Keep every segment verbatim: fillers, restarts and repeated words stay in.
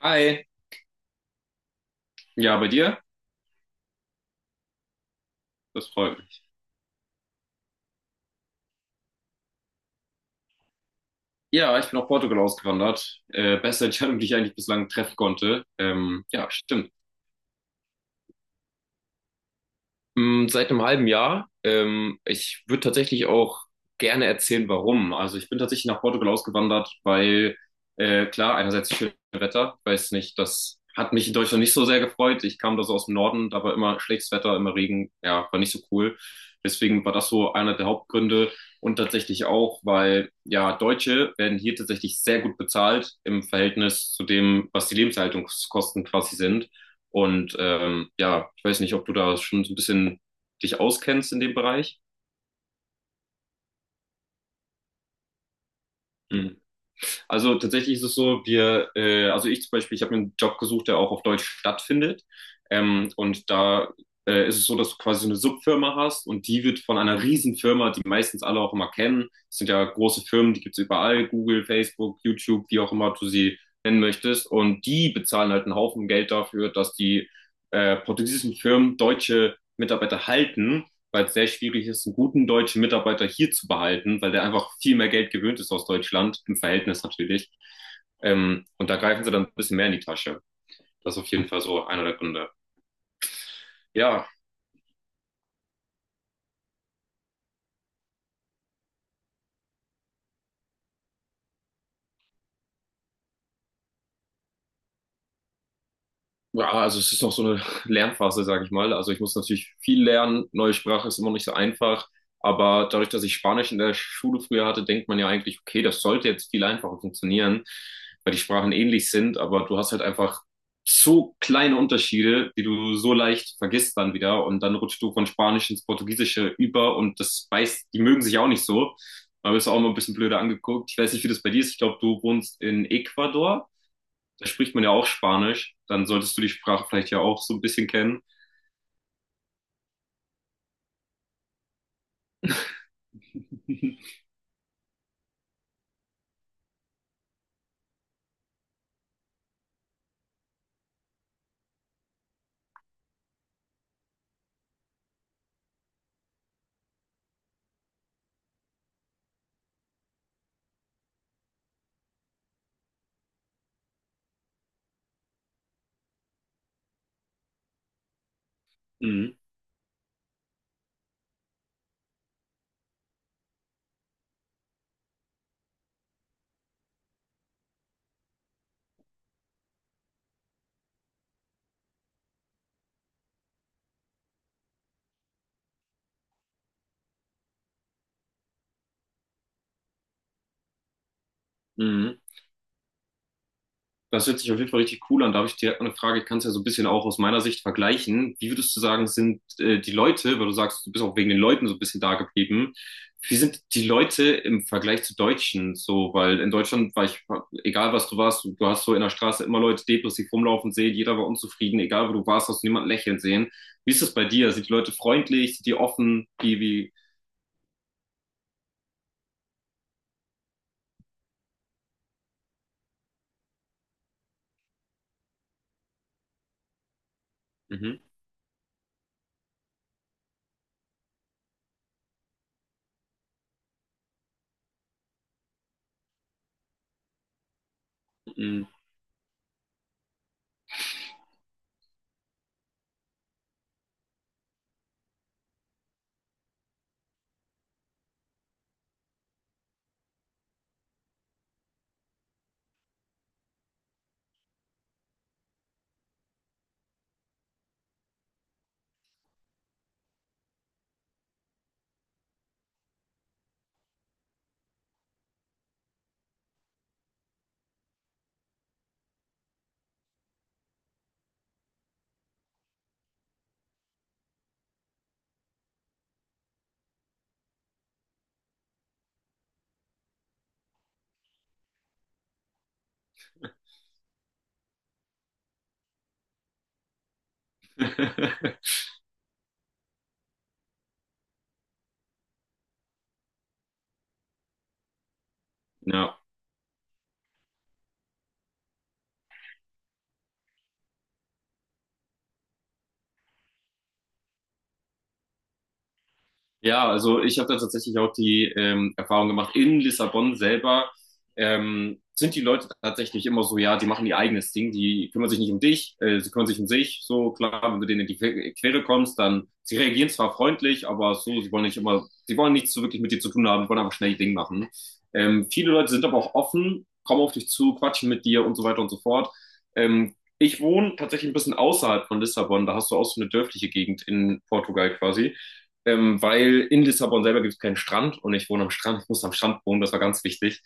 Hi. Ja, bei dir? Das freut mich. Ja, ich bin nach Portugal ausgewandert. Äh, beste Entscheidung, die ich eigentlich bislang treffen konnte. Ähm, ja, stimmt. Mm, Seit einem halben Jahr. Ähm, ich würde tatsächlich auch gerne erzählen, warum. Also ich bin tatsächlich nach Portugal ausgewandert, weil äh, klar, einerseits schönes Wetter, weiß nicht, das hat mich in Deutschland nicht so sehr gefreut. Ich kam da so aus dem Norden, da war immer schlechtes Wetter, immer Regen, ja, war nicht so cool. Deswegen war das so einer der Hauptgründe und tatsächlich auch, weil ja, Deutsche werden hier tatsächlich sehr gut bezahlt im Verhältnis zu dem, was die Lebenshaltungskosten quasi sind. Und ähm, ja, ich weiß nicht, ob du da schon so ein bisschen dich auskennst in dem Bereich. Mhm. Also tatsächlich ist es so, wir, äh, also ich zum Beispiel, ich habe mir einen Job gesucht, der auch auf Deutsch stattfindet. Ähm, und da äh, ist es so, dass du quasi so eine Subfirma hast und die wird von einer Riesenfirma, die meistens alle auch immer kennen. Das sind ja große Firmen, die gibt's überall, Google, Facebook, YouTube, wie auch immer du sie nennen möchtest. Und die bezahlen halt einen Haufen Geld dafür, dass die äh, portugiesischen Firmen deutsche Mitarbeiter halten, weil es sehr schwierig ist, einen guten deutschen Mitarbeiter hier zu behalten, weil der einfach viel mehr Geld gewöhnt ist aus Deutschland, im Verhältnis natürlich. Ähm, und da greifen sie dann ein bisschen mehr in die Tasche. Das ist auf jeden Fall so einer der Gründe. Ja. Ja, also es ist noch so eine Lernphase, sage ich mal. Also ich muss natürlich viel lernen. Neue Sprache ist immer nicht so einfach. Aber dadurch, dass ich Spanisch in der Schule früher hatte, denkt man ja eigentlich, okay, das sollte jetzt viel einfacher funktionieren, weil die Sprachen ähnlich sind. Aber du hast halt einfach so kleine Unterschiede, die du so leicht vergisst dann wieder. Und dann rutscht du von Spanisch ins Portugiesische über und das weiß, die mögen sich auch nicht so. Man wirst du auch immer ein bisschen blöder angeguckt. Ich weiß nicht, wie das bei dir ist. Ich glaube, du wohnst in Ecuador, da spricht man ja auch Spanisch, dann solltest du die Sprache vielleicht ja auch so ein bisschen kennen. Mhm. Mhm. Das hört sich auf jeden Fall richtig cool an. Da habe ich direkt mal eine Frage, ich kann es ja so ein bisschen auch aus meiner Sicht vergleichen. Wie würdest du sagen, sind äh, die Leute, weil du sagst, du bist auch wegen den Leuten so ein bisschen da geblieben, wie sind die Leute im Vergleich zu Deutschen so? Weil in Deutschland war ich, egal was du warst, du, du hast so in der Straße immer Leute depressiv rumlaufen sehen, jeder war unzufrieden, egal wo du warst, hast du niemanden lächeln sehen. Wie ist das bei dir? Sind die Leute freundlich? Sind die offen? Wie, wie? Mhm. Mhm. Ja. Ja, also ich habe da tatsächlich auch die ähm, Erfahrung gemacht, in Lissabon selber ähm, sind die Leute tatsächlich immer so, ja, die machen ihr eigenes Ding, die kümmern sich nicht um dich, äh, sie kümmern sich um sich, so klar, wenn du denen in die Que- Quere kommst, dann, sie reagieren zwar freundlich, aber so, sie wollen nicht immer, sie wollen nichts so wirklich mit dir zu tun haben, wollen einfach schnell ihr Ding machen. Ähm, viele Leute sind aber auch offen, kommen auf dich zu, quatschen mit dir und so weiter und so fort. Ähm, ich wohne tatsächlich ein bisschen außerhalb von Lissabon, da hast du auch so eine dörfliche Gegend in Portugal quasi, ähm, weil in Lissabon selber gibt es keinen Strand und ich wohne am Strand, ich muss am Strand wohnen, das war ganz wichtig.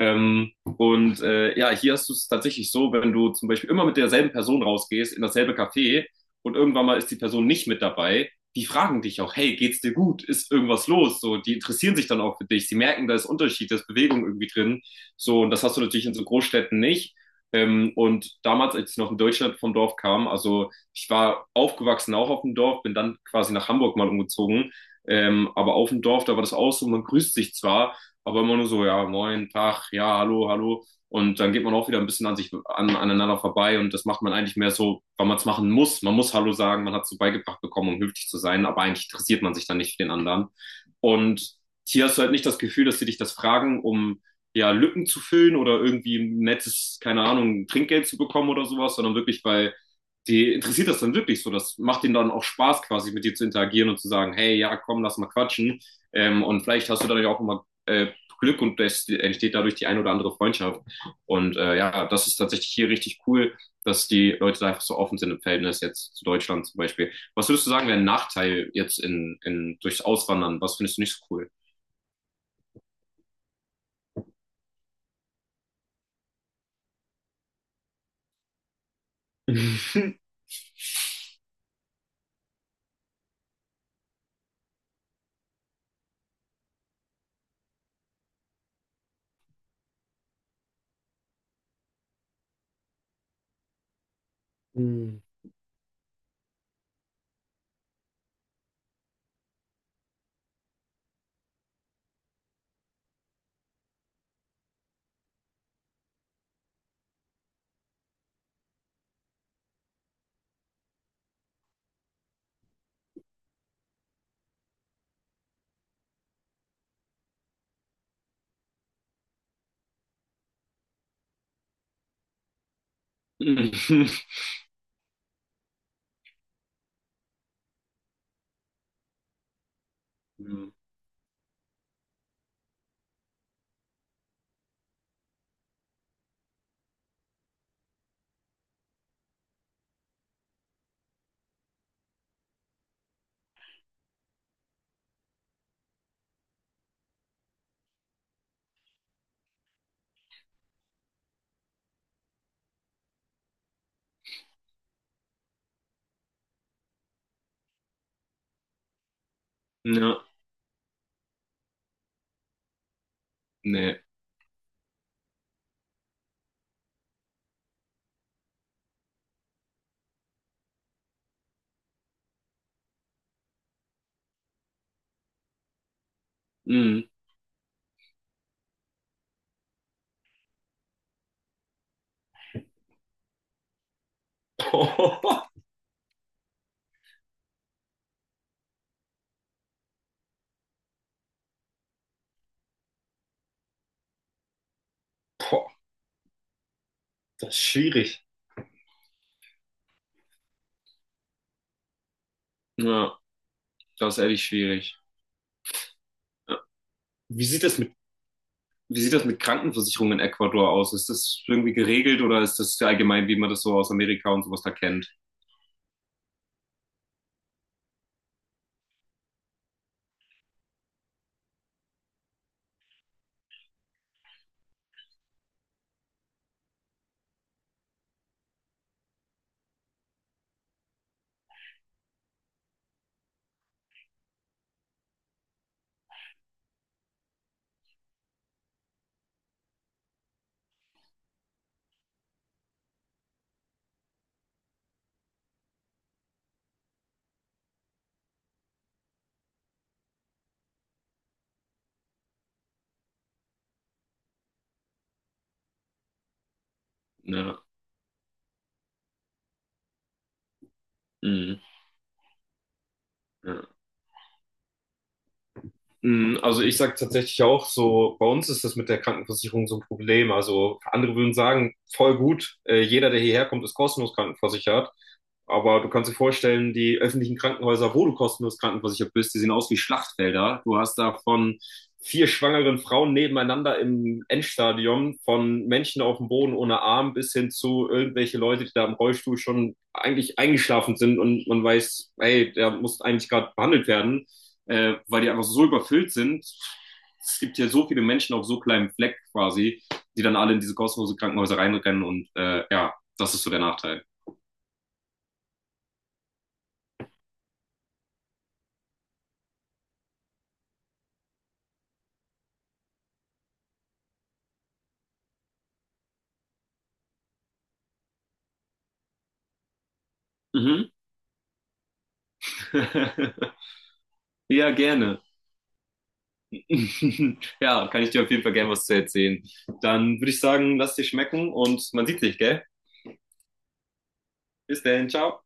Ähm, und äh, ja, hier hast du es tatsächlich so, wenn du zum Beispiel immer mit derselben Person rausgehst, in dasselbe Café und irgendwann mal ist die Person nicht mit dabei, die fragen dich auch, hey, geht's dir gut? Ist irgendwas los? So, die interessieren sich dann auch für dich. Sie merken, da ist Unterschied, da ist Bewegung irgendwie drin. So, und das hast du natürlich in so Großstädten nicht. Ähm, und damals, als ich noch in Deutschland vom Dorf kam, also ich war aufgewachsen auch auf dem Dorf, bin dann quasi nach Hamburg mal umgezogen. Ähm, aber auf dem Dorf, da war das auch so, man grüßt sich zwar, aber immer nur so, ja, moin, Tag, ja, hallo, hallo. Und dann geht man auch wieder ein bisschen an sich an, aneinander vorbei und das macht man eigentlich mehr so, weil man es machen muss. Man muss Hallo sagen, man hat es so beigebracht bekommen, um höflich zu sein, aber eigentlich interessiert man sich dann nicht für den anderen. Und hier hast du halt nicht das Gefühl, dass sie dich das fragen, um ja Lücken zu füllen oder irgendwie ein nettes, keine Ahnung, Trinkgeld zu bekommen oder sowas, sondern wirklich, weil die interessiert das dann wirklich so. Das macht ihnen dann auch Spaß, quasi mit dir zu interagieren und zu sagen, hey, ja, komm, lass mal quatschen. Ähm, und vielleicht hast du dadurch auch immer äh, Glück und es entsteht dadurch die ein oder andere Freundschaft. Und äh, ja, das ist tatsächlich hier richtig cool, dass die Leute da einfach so offen sind im Verhältnis jetzt zu Deutschland zum Beispiel. Was würdest du sagen, wäre ein Nachteil jetzt in, in, durchs Auswandern? Was findest du nicht so cool? Hm. Ja, nee. Mm. Boah, das ist schwierig. Ja. Das ist ehrlich schwierig. Ja. Wie sieht das mit, wie sieht das mit Krankenversicherungen in Ecuador aus? Ist das irgendwie geregelt oder ist das allgemein, wie man das so aus Amerika und sowas da kennt? Ja. Mhm. Ja. Mhm. Also ich sage tatsächlich auch so, bei uns ist das mit der Krankenversicherung so ein Problem. Also andere würden sagen, voll gut, äh, jeder, der hierher kommt, ist kostenlos krankenversichert. Aber du kannst dir vorstellen, die öffentlichen Krankenhäuser, wo du kostenlos krankenversichert bist, die sehen aus wie Schlachtfelder. Du hast da von vier schwangeren Frauen nebeneinander im Endstadium, von Menschen auf dem Boden ohne Arm bis hin zu irgendwelche Leute, die da im Rollstuhl schon eigentlich eingeschlafen sind und man weiß, hey, der muss eigentlich gerade behandelt werden, äh, weil die einfach so überfüllt sind. Es gibt ja so viele Menschen auf so kleinem Fleck quasi, die dann alle in diese kostenlosen Krankenhäuser reinrennen und äh, ja, das ist so der Nachteil. Mhm. Ja, gerne. Ja, kann ich dir auf jeden Fall gerne was zu erzählen. Dann würde ich sagen, lass dir schmecken und man sieht sich, gell? Bis dann, ciao.